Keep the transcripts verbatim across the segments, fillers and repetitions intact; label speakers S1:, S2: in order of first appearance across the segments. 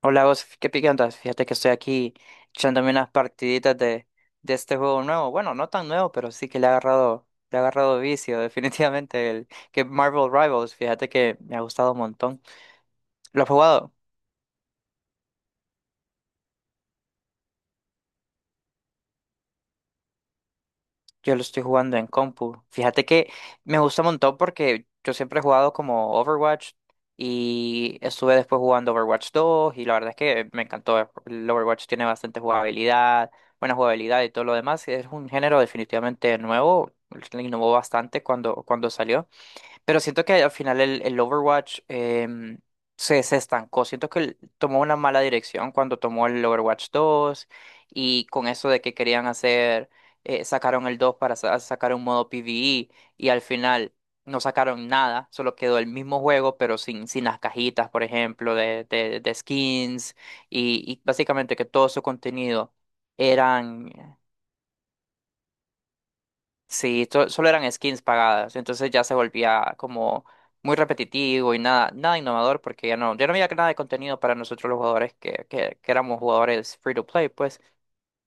S1: Hola, vos, qué pique andas. Fíjate que estoy aquí echándome unas partiditas de, de este juego nuevo. Bueno, no tan nuevo, pero sí que le ha agarrado, le ha agarrado vicio, definitivamente. El que Marvel Rivals, fíjate que me ha gustado un montón. ¿Lo has jugado? Yo lo estoy jugando en compu. Fíjate que me gusta un montón porque yo siempre he jugado como Overwatch y estuve después jugando Overwatch dos y la verdad es que me encantó. El Overwatch tiene bastante jugabilidad, buena jugabilidad y todo lo demás. Es un género definitivamente nuevo. Innovó bastante cuando, cuando salió. Pero siento que al final el, el Overwatch em, se, se estancó. Siento que el- tomó una mala dirección cuando tomó el Overwatch dos y con eso de que querían hacer, eh, sacaron el dos para sa- sacar un modo PvE y al final no sacaron nada, solo quedó el mismo juego pero sin, sin las cajitas, por ejemplo, de, de, de skins y, y básicamente que todo su contenido eran... Sí, to- solo eran skins pagadas, entonces ya se volvía como muy repetitivo y nada, nada innovador porque ya no, ya no había nada de contenido para nosotros los jugadores que, que, que éramos jugadores free to play, pues.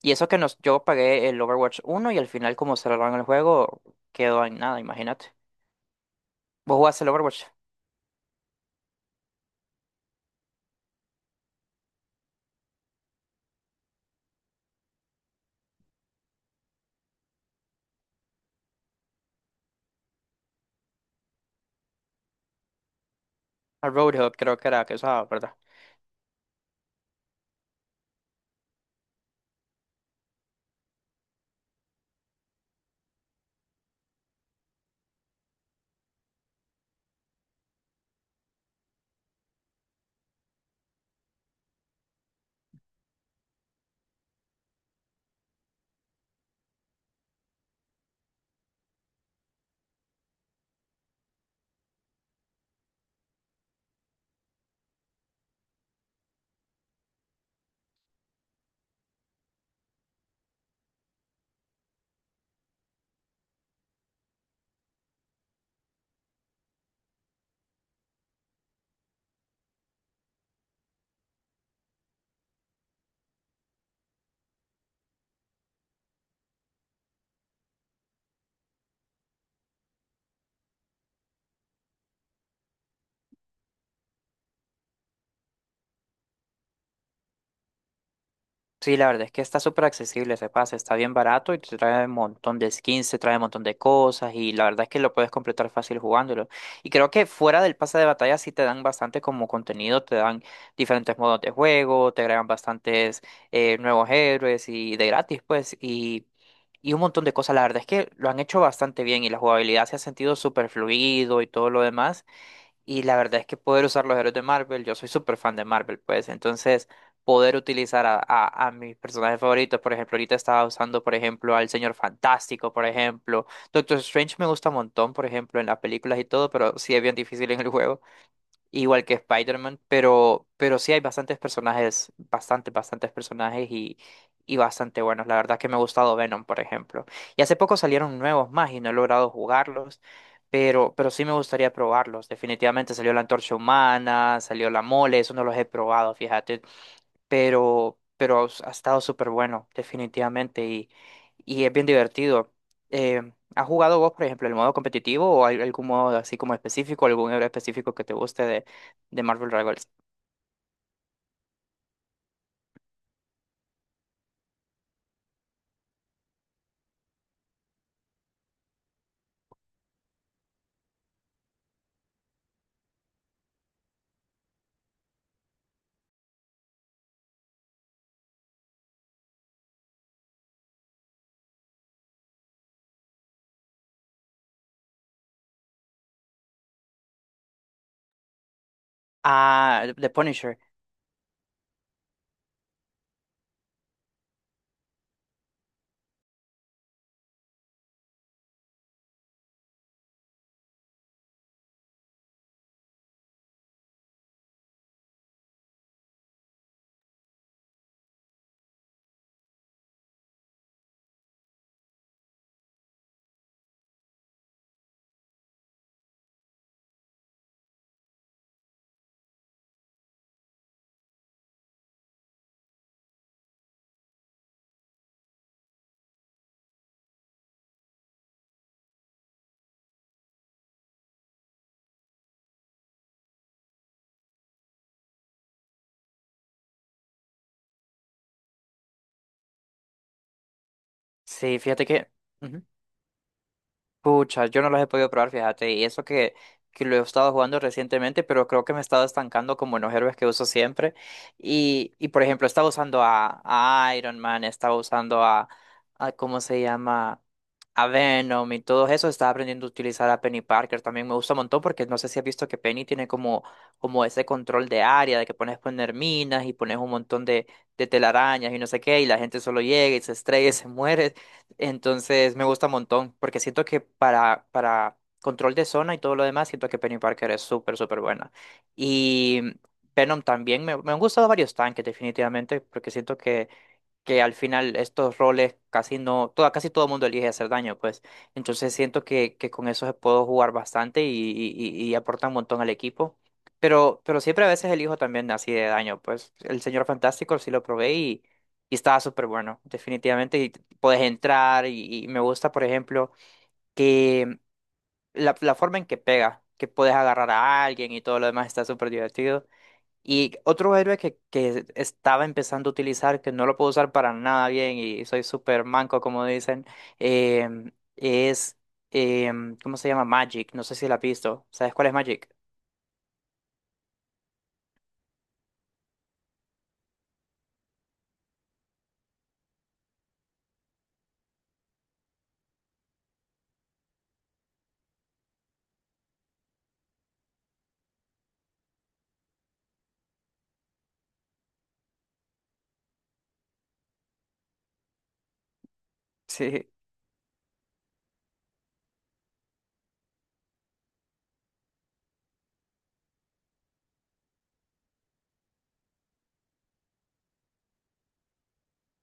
S1: Y eso que nos, yo pagué el Overwatch uno y al final como cerraron el juego, quedó en nada, imagínate. Vos jugaste el Overwatch, al Roadhog creo que era que usaba, ¿verdad? Sí, la verdad es que está súper accesible ese pase, está bien barato y te trae un montón de skins, te trae un montón de cosas y la verdad es que lo puedes completar fácil jugándolo. Y creo que fuera del pase de batalla sí te dan bastante como contenido, te dan diferentes modos de juego, te agregan bastantes eh, nuevos héroes y de gratis pues y, y un montón de cosas. La verdad es que lo han hecho bastante bien y la jugabilidad se ha sentido súper fluido y todo lo demás. Y la verdad es que poder usar los héroes de Marvel, yo soy súper fan de Marvel, pues. Entonces, poder utilizar a, a- a mis personajes favoritos, por ejemplo, ahorita estaba usando, por ejemplo, al Señor Fantástico, por ejemplo. Doctor Strange me gusta un montón, por ejemplo, en las películas y todo, pero sí es bien difícil en el juego. Igual que Spider-Man, pero, pero sí hay bastantes personajes, bastante bastantes personajes y, y bastante buenos. La verdad que me ha gustado Venom, por ejemplo. Y hace poco salieron nuevos más y no he logrado jugarlos, pero, pero sí me gustaría probarlos. Definitivamente salió la Antorcha Humana, salió la Mole, eso no los he probado, fíjate pero, pero ha estado súper bueno, definitivamente, y, y es bien divertido. Eh, ¿has jugado vos, por ejemplo, el modo competitivo o al- algún modo así como específico, algún héroe específico que te guste de, de Marvel Rivals? Ah, The Punisher. Sí, fíjate que... Ujú. Pucha, yo no los he podido probar, fíjate, y eso que, que lo he estado jugando recientemente, pero creo que me he estado estancando como en los héroes que uso siempre. Y, y por ejemplo, estaba usando a, a Iron Man, estaba usando a, a, ¿cómo se llama? A Venom y todo eso. Estaba aprendiendo a utilizar a Penny Parker. También me gusta un montón porque no sé si has visto que Penny tiene como, como ese control de área, de que pones poner minas y pones un montón de, de telarañas y no sé qué, y la gente solo llega y se estrella y se muere. Entonces me gusta un montón, porque siento que para, para control de zona y todo lo demás, siento que Penny Parker es súper, súper buena. Y Venom también, me, me han gustado varios tanques definitivamente, porque siento que que al final estos roles casi no, toda, casi todo el mundo elige hacer daño, pues. Entonces siento que, que con eso se puedo jugar bastante y, y, y- y aporta un montón al equipo. Pero, pero siempre a veces elijo también así de daño, pues. El Señor Fantástico sí lo probé y, y estaba súper bueno, definitivamente. Y puedes entrar y, y me gusta, por ejemplo, que la, la forma en que pega, que puedes agarrar a alguien y todo lo demás está súper divertido. Y otro héroe que, que estaba empezando a utilizar, que no lo puedo usar para nada bien y soy súper manco, como dicen, em, es, em, ¿cómo se llama? Magic. No sé si la has visto. ¿Sabes cuál es Magic? Sí,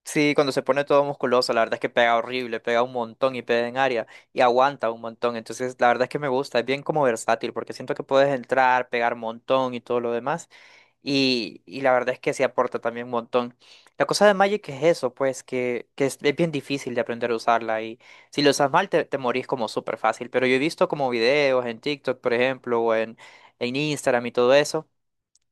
S1: sí, cuando se pone todo musculoso, la verdad es que pega horrible, pega un montón y pega en área y aguanta un montón. Entonces, la verdad es que me gusta, es bien como versátil porque siento que puedes entrar, pegar un montón y todo lo demás. Y, y la verdad es que se aporta también un montón. La cosa de Magic es eso, pues, que, que es, es bien difícil de aprender a usarla. Y si lo usas mal, te, te morís como súper fácil. Pero yo he visto como videos en TikTok, por ejemplo, o en, en Instagram y todo eso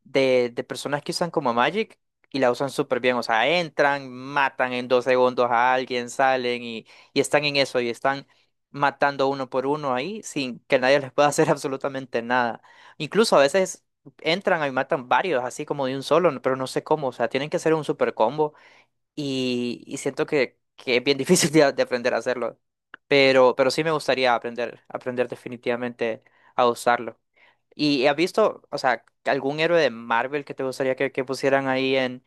S1: de, de personas que usan como Magic y la usan súper bien. O sea, entran, matan en dos segundos a alguien, salen y, y están en eso y están matando uno por uno ahí sin que nadie les pueda hacer absolutamente nada. Incluso a veces entran y matan varios, así como de un solo, pero no sé cómo. O sea, tienen que hacer un super combo y, y siento que, que es bien difícil de, de aprender a hacerlo. Pero, pero sí me gustaría aprender, aprender definitivamente a usarlo. ¿Y has visto, o sea, algún héroe de Marvel que te gustaría que, que pusieran ahí en,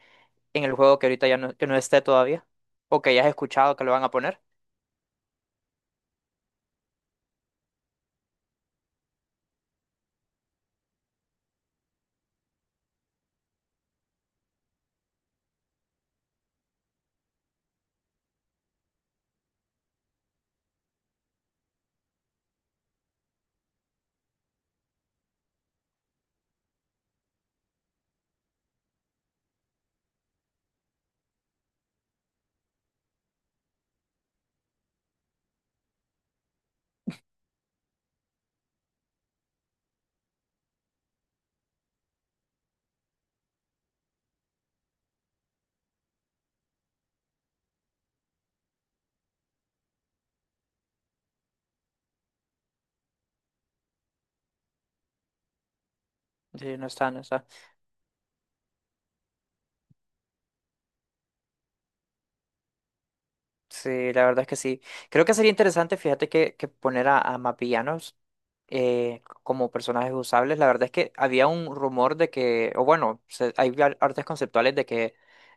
S1: en el juego que ahorita ya no, que no esté todavía? ¿O que hayas escuchado que lo van a poner? Sí, no está, no está. Sí, la verdad es que sí. Creo que sería interesante, fíjate, que, que poner a, a más villanos eh, como personajes usables. La verdad es que había un rumor de que, o bueno, se- hay ar- artes conceptuales de que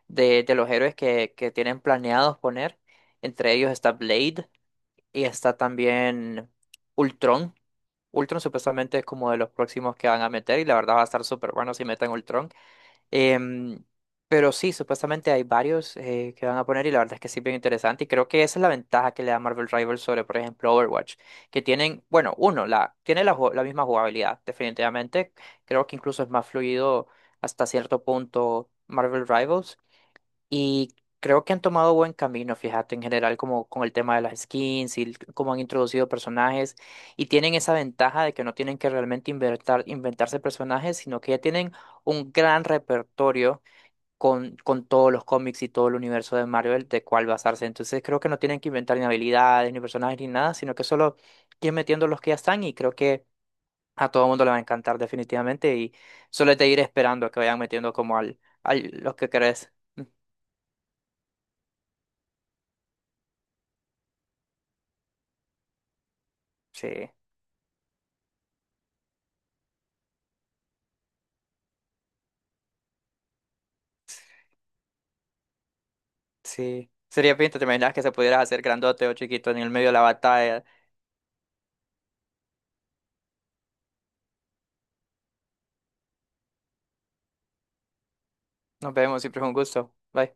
S1: de, de los héroes que, que tienen planeados poner. Entre ellos está Blade y está también Ultron. Ultron supuestamente es como de los próximos que van a meter y la verdad va a estar súper bueno si meten Ultron. Em, pero sí, supuestamente hay varios eh, que van a poner y la verdad es que sí, bien interesante. Y creo que esa es la ventaja que le da Marvel Rivals sobre, por ejemplo, Overwatch, que tienen, bueno, uno, la, tiene la, ju- la misma jugabilidad, definitivamente. Creo que incluso es más fluido hasta cierto punto Marvel Rivals. Y creo que han tomado buen camino, fíjate, en general, como con el tema de las skins y el- cómo han introducido personajes. Y tienen esa ventaja de que no tienen que realmente inventar, inventarse personajes, sino que ya tienen un gran repertorio con, con todos los cómics y todo el universo de Marvel de cuál basarse. Entonces creo que no tienen que inventar ni habilidades, ni personajes, ni nada, sino que solo ir metiendo los que ya están. Y creo que a todo el mundo le va a encantar definitivamente. Y solo es de ir esperando a que vayan metiendo como al, al los que querés. Sí. Sí. Sería pinta, ¿te imaginas que se pudieras hacer grandote o chiquito en el medio de la batalla? Nos vemos, siempre es un gusto. Bye.